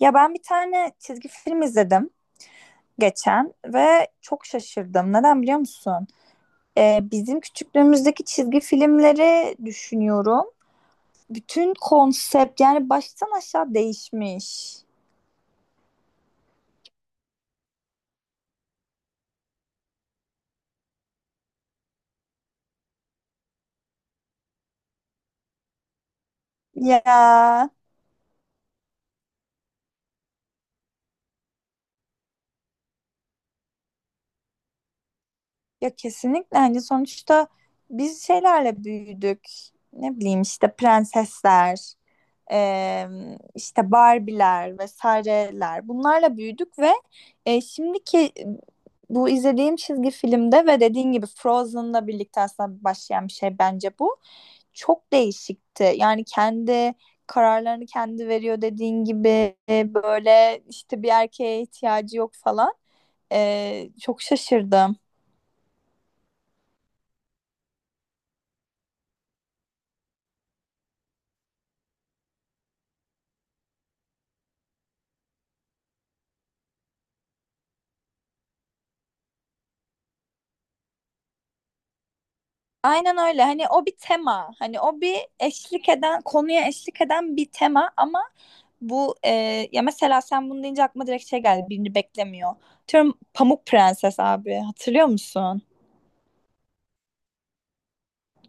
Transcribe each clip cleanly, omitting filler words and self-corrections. Ya ben bir tane çizgi film izledim geçen ve çok şaşırdım. Neden biliyor musun? Bizim küçüklüğümüzdeki çizgi filmleri düşünüyorum. Bütün konsept yani baştan aşağı değişmiş. Ya kesinlikle hani sonuçta biz şeylerle büyüdük. Ne bileyim işte prensesler, e, işte Barbie'ler vesaireler bunlarla büyüdük ve şimdiki bu izlediğim çizgi filmde ve dediğin gibi Frozen'la birlikte aslında başlayan bir şey bence bu. Çok değişikti. Yani kendi kararlarını kendi veriyor dediğin gibi böyle işte bir erkeğe ihtiyacı yok falan. Çok şaşırdım. Aynen öyle. Hani o bir tema. Hani o bir eşlik eden, konuya eşlik eden bir tema ama bu e, ya mesela sen bunu deyince aklıma direkt şey geldi. Birini beklemiyor. Diyorum Pamuk Prenses abi. Hatırlıyor musun?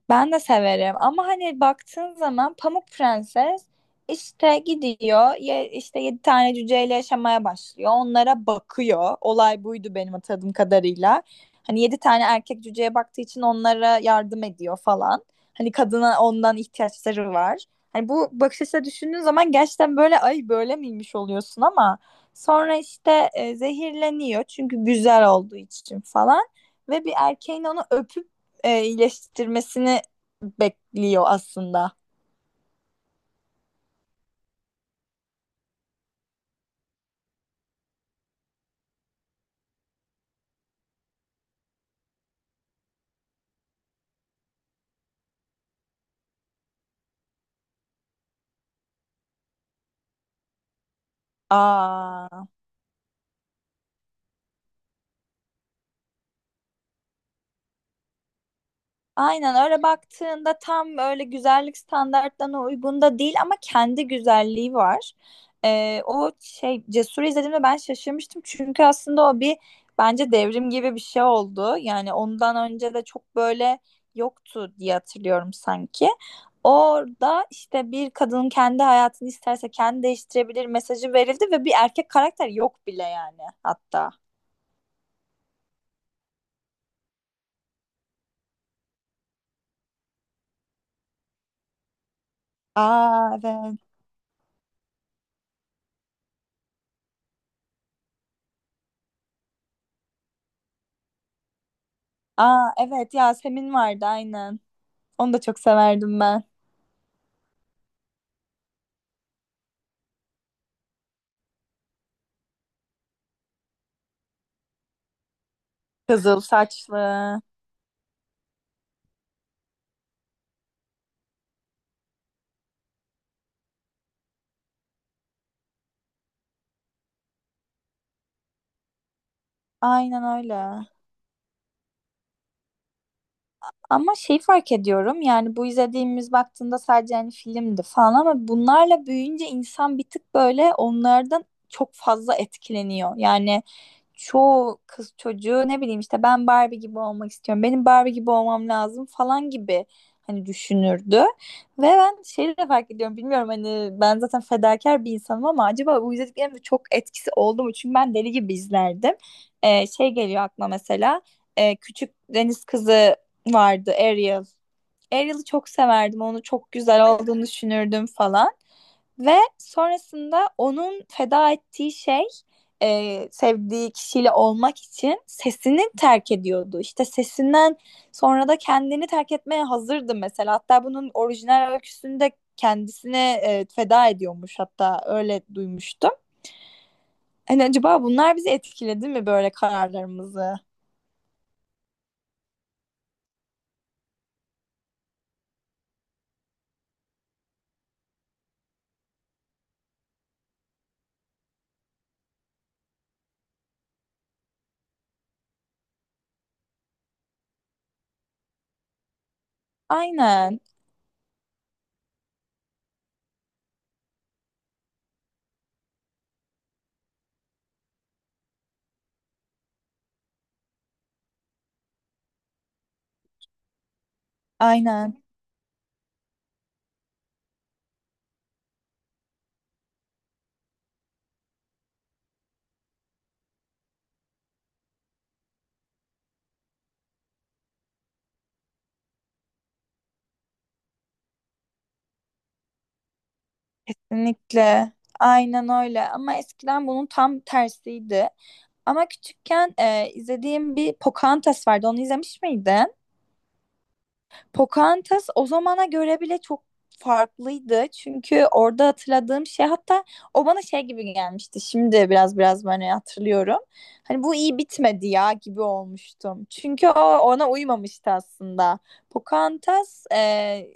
Ben de severim ama hani baktığın zaman Pamuk Prenses işte gidiyor işte yedi tane cüceyle yaşamaya başlıyor. Onlara bakıyor. Olay buydu benim hatırladığım kadarıyla. Hani yedi tane erkek cüceye baktığı için onlara yardım ediyor falan. Hani kadına ondan ihtiyaçları var. Hani bu bakış açısıyla düşündüğün zaman gerçekten böyle ay böyle miymiş oluyorsun ama sonra işte zehirleniyor çünkü güzel olduğu için falan ve bir erkeğin onu öpüp iyileştirmesini bekliyor aslında. Aa. Aynen öyle baktığında tam böyle güzellik standartlarına uygun da değil ama kendi güzelliği var. O şey Cesur'u izlediğimde ben şaşırmıştım çünkü aslında o bir bence devrim gibi bir şey oldu. Yani ondan önce de çok böyle yoktu diye hatırlıyorum sanki. Orada işte bir kadının kendi hayatını isterse kendi değiştirebilir mesajı verildi ve bir erkek karakter yok bile yani hatta. Aa, evet. Aa, evet, Yasemin vardı aynen. Onu da çok severdim ben. Kızıl saçlı. Aynen öyle. Ama şey fark ediyorum yani bu izlediğimiz baktığında sadece hani filmdi falan ama bunlarla büyüyünce insan bir tık böyle onlardan çok fazla etkileniyor. Yani çoğu kız çocuğu ne bileyim işte ben Barbie gibi olmak istiyorum. Benim Barbie gibi olmam lazım falan gibi hani düşünürdü. Ve ben şeyi de fark ediyorum bilmiyorum hani ben zaten fedakar bir insanım ama acaba bu izlediklerimde çok etkisi oldu mu? Çünkü ben deli gibi izlerdim. Şey geliyor aklıma mesela Küçük Deniz Kızı vardı Ariel. Ariel'i çok severdim. Onu çok güzel olduğunu düşünürdüm falan. Ve sonrasında onun feda ettiği şey sevdiği kişiyle olmak için sesini terk ediyordu. İşte sesinden sonra da kendini terk etmeye hazırdı mesela. Hatta bunun orijinal öyküsünde kendisine feda ediyormuş hatta öyle duymuştum. Hani acaba bunlar bizi etkiledi mi böyle kararlarımızı? Aynen, aynen. Kesinlikle. Aynen öyle. Ama eskiden bunun tam tersiydi. Ama küçükken izlediğim bir Pocahontas vardı. Onu izlemiş miydin? Pocahontas o zamana göre bile çok farklıydı. Çünkü orada hatırladığım şey hatta o bana şey gibi gelmişti. Şimdi biraz biraz böyle hatırlıyorum. Hani bu iyi bitmedi ya gibi olmuştum. Çünkü o ona uymamıştı aslında. Pocahontas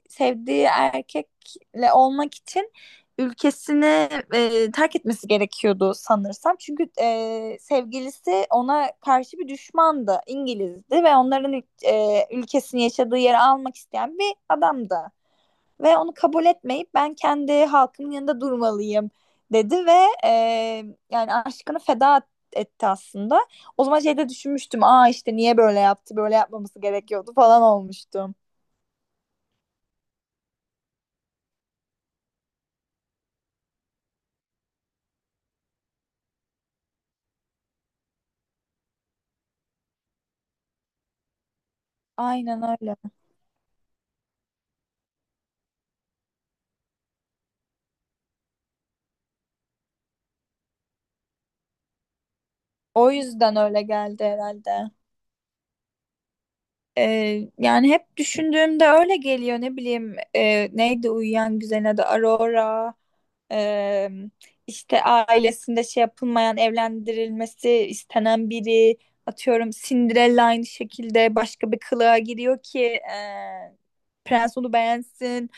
sevdiği erkekle olmak için ülkesini terk etmesi gerekiyordu sanırsam. Çünkü sevgilisi ona karşı bir düşmandı. İngilizdi ve onların ülkesini yaşadığı yeri almak isteyen bir adamdı. Ve onu kabul etmeyip ben kendi halkımın yanında durmalıyım dedi ve e, yani aşkını feda etti aslında. O zaman şeyde düşünmüştüm. Aa, işte niye böyle yaptı? Böyle yapmaması gerekiyordu falan olmuştum. Aynen öyle. O yüzden öyle geldi herhalde. Yani hep düşündüğümde öyle geliyor ne bileyim neydi uyuyan güzelin adı Aurora. Ee, işte ailesinde şey yapılmayan evlendirilmesi istenen biri atıyorum Cinderella aynı şekilde başka bir kılığa giriyor ki prens onu beğensin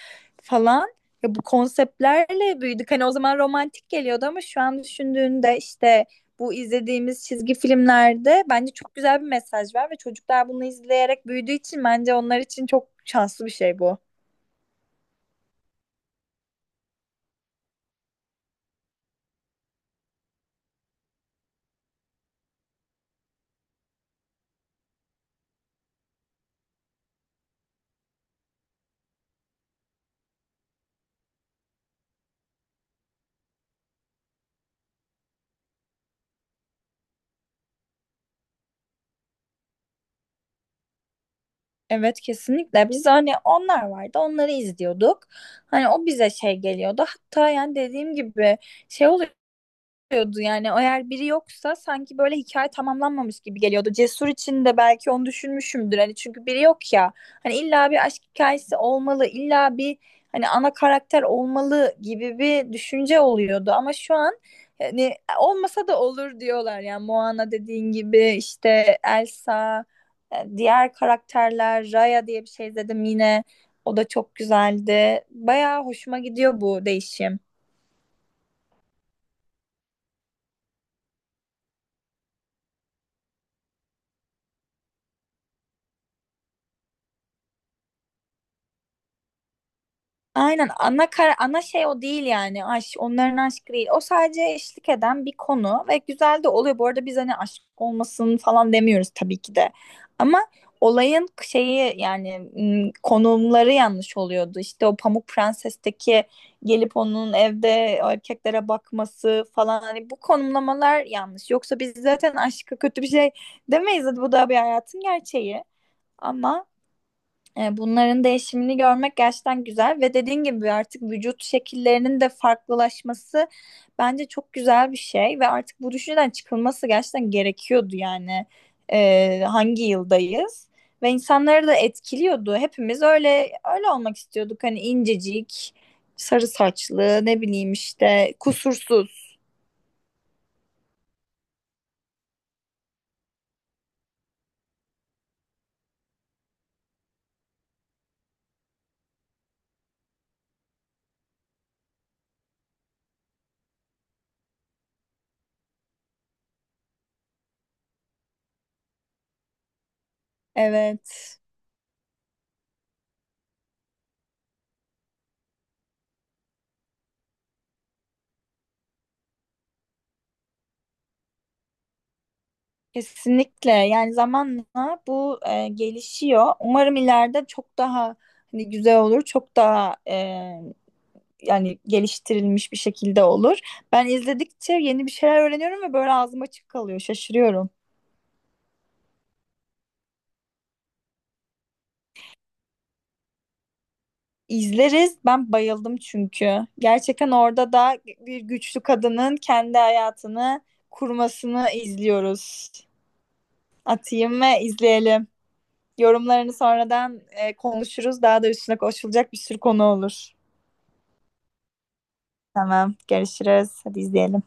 falan ya bu konseptlerle büyüdük hani o zaman romantik geliyordu ama şu an düşündüğünde işte bu izlediğimiz çizgi filmlerde bence çok güzel bir mesaj var ve çocuklar bunu izleyerek büyüdüğü için bence onlar için çok şanslı bir şey bu. Evet, kesinlikle biz hani onlar vardı onları izliyorduk. Hani o bize şey geliyordu. Hatta yani dediğim gibi şey oluyor geliyordu yani eğer biri yoksa sanki böyle hikaye tamamlanmamış gibi geliyordu. Cesur için de belki onu düşünmüşümdür hani çünkü biri yok ya hani illa bir aşk hikayesi olmalı illa bir hani ana karakter olmalı gibi bir düşünce oluyordu ama şu an hani olmasa da olur diyorlar yani Moana dediğin gibi işte Elsa diğer karakterler Raya diye bir şey dedim yine o da çok güzeldi bayağı hoşuma gidiyor bu değişim. Aynen ana şey o değil yani aşk onların aşkı değil o sadece eşlik eden bir konu ve güzel de oluyor bu arada biz hani aşk olmasın falan demiyoruz tabii ki de ama olayın şeyi yani konumları yanlış oluyordu işte o Pamuk Prenses'teki gelip onun evde erkeklere bakması falan hani bu konumlamalar yanlış yoksa biz zaten aşkı kötü bir şey demeyiz bu da bir hayatın gerçeği ama bunların değişimini görmek gerçekten güzel ve dediğin gibi artık vücut şekillerinin de farklılaşması bence çok güzel bir şey ve artık bu düşünceden çıkılması gerçekten gerekiyordu yani. Hangi yıldayız ve insanları da etkiliyordu. Hepimiz öyle öyle olmak istiyorduk hani incecik, sarı saçlı, ne bileyim işte kusursuz. Evet. Kesinlikle yani zamanla bu gelişiyor. Umarım ileride çok daha hani güzel olur, çok daha yani geliştirilmiş bir şekilde olur. Ben izledikçe yeni bir şeyler öğreniyorum ve böyle ağzım açık kalıyor, şaşırıyorum. İzleriz, ben bayıldım çünkü. Gerçekten orada da bir güçlü kadının kendi hayatını kurmasını izliyoruz. Atayım ve izleyelim. Yorumlarını sonradan konuşuruz. Daha da üstüne konuşulacak bir sürü konu olur. Tamam, görüşürüz. Hadi izleyelim.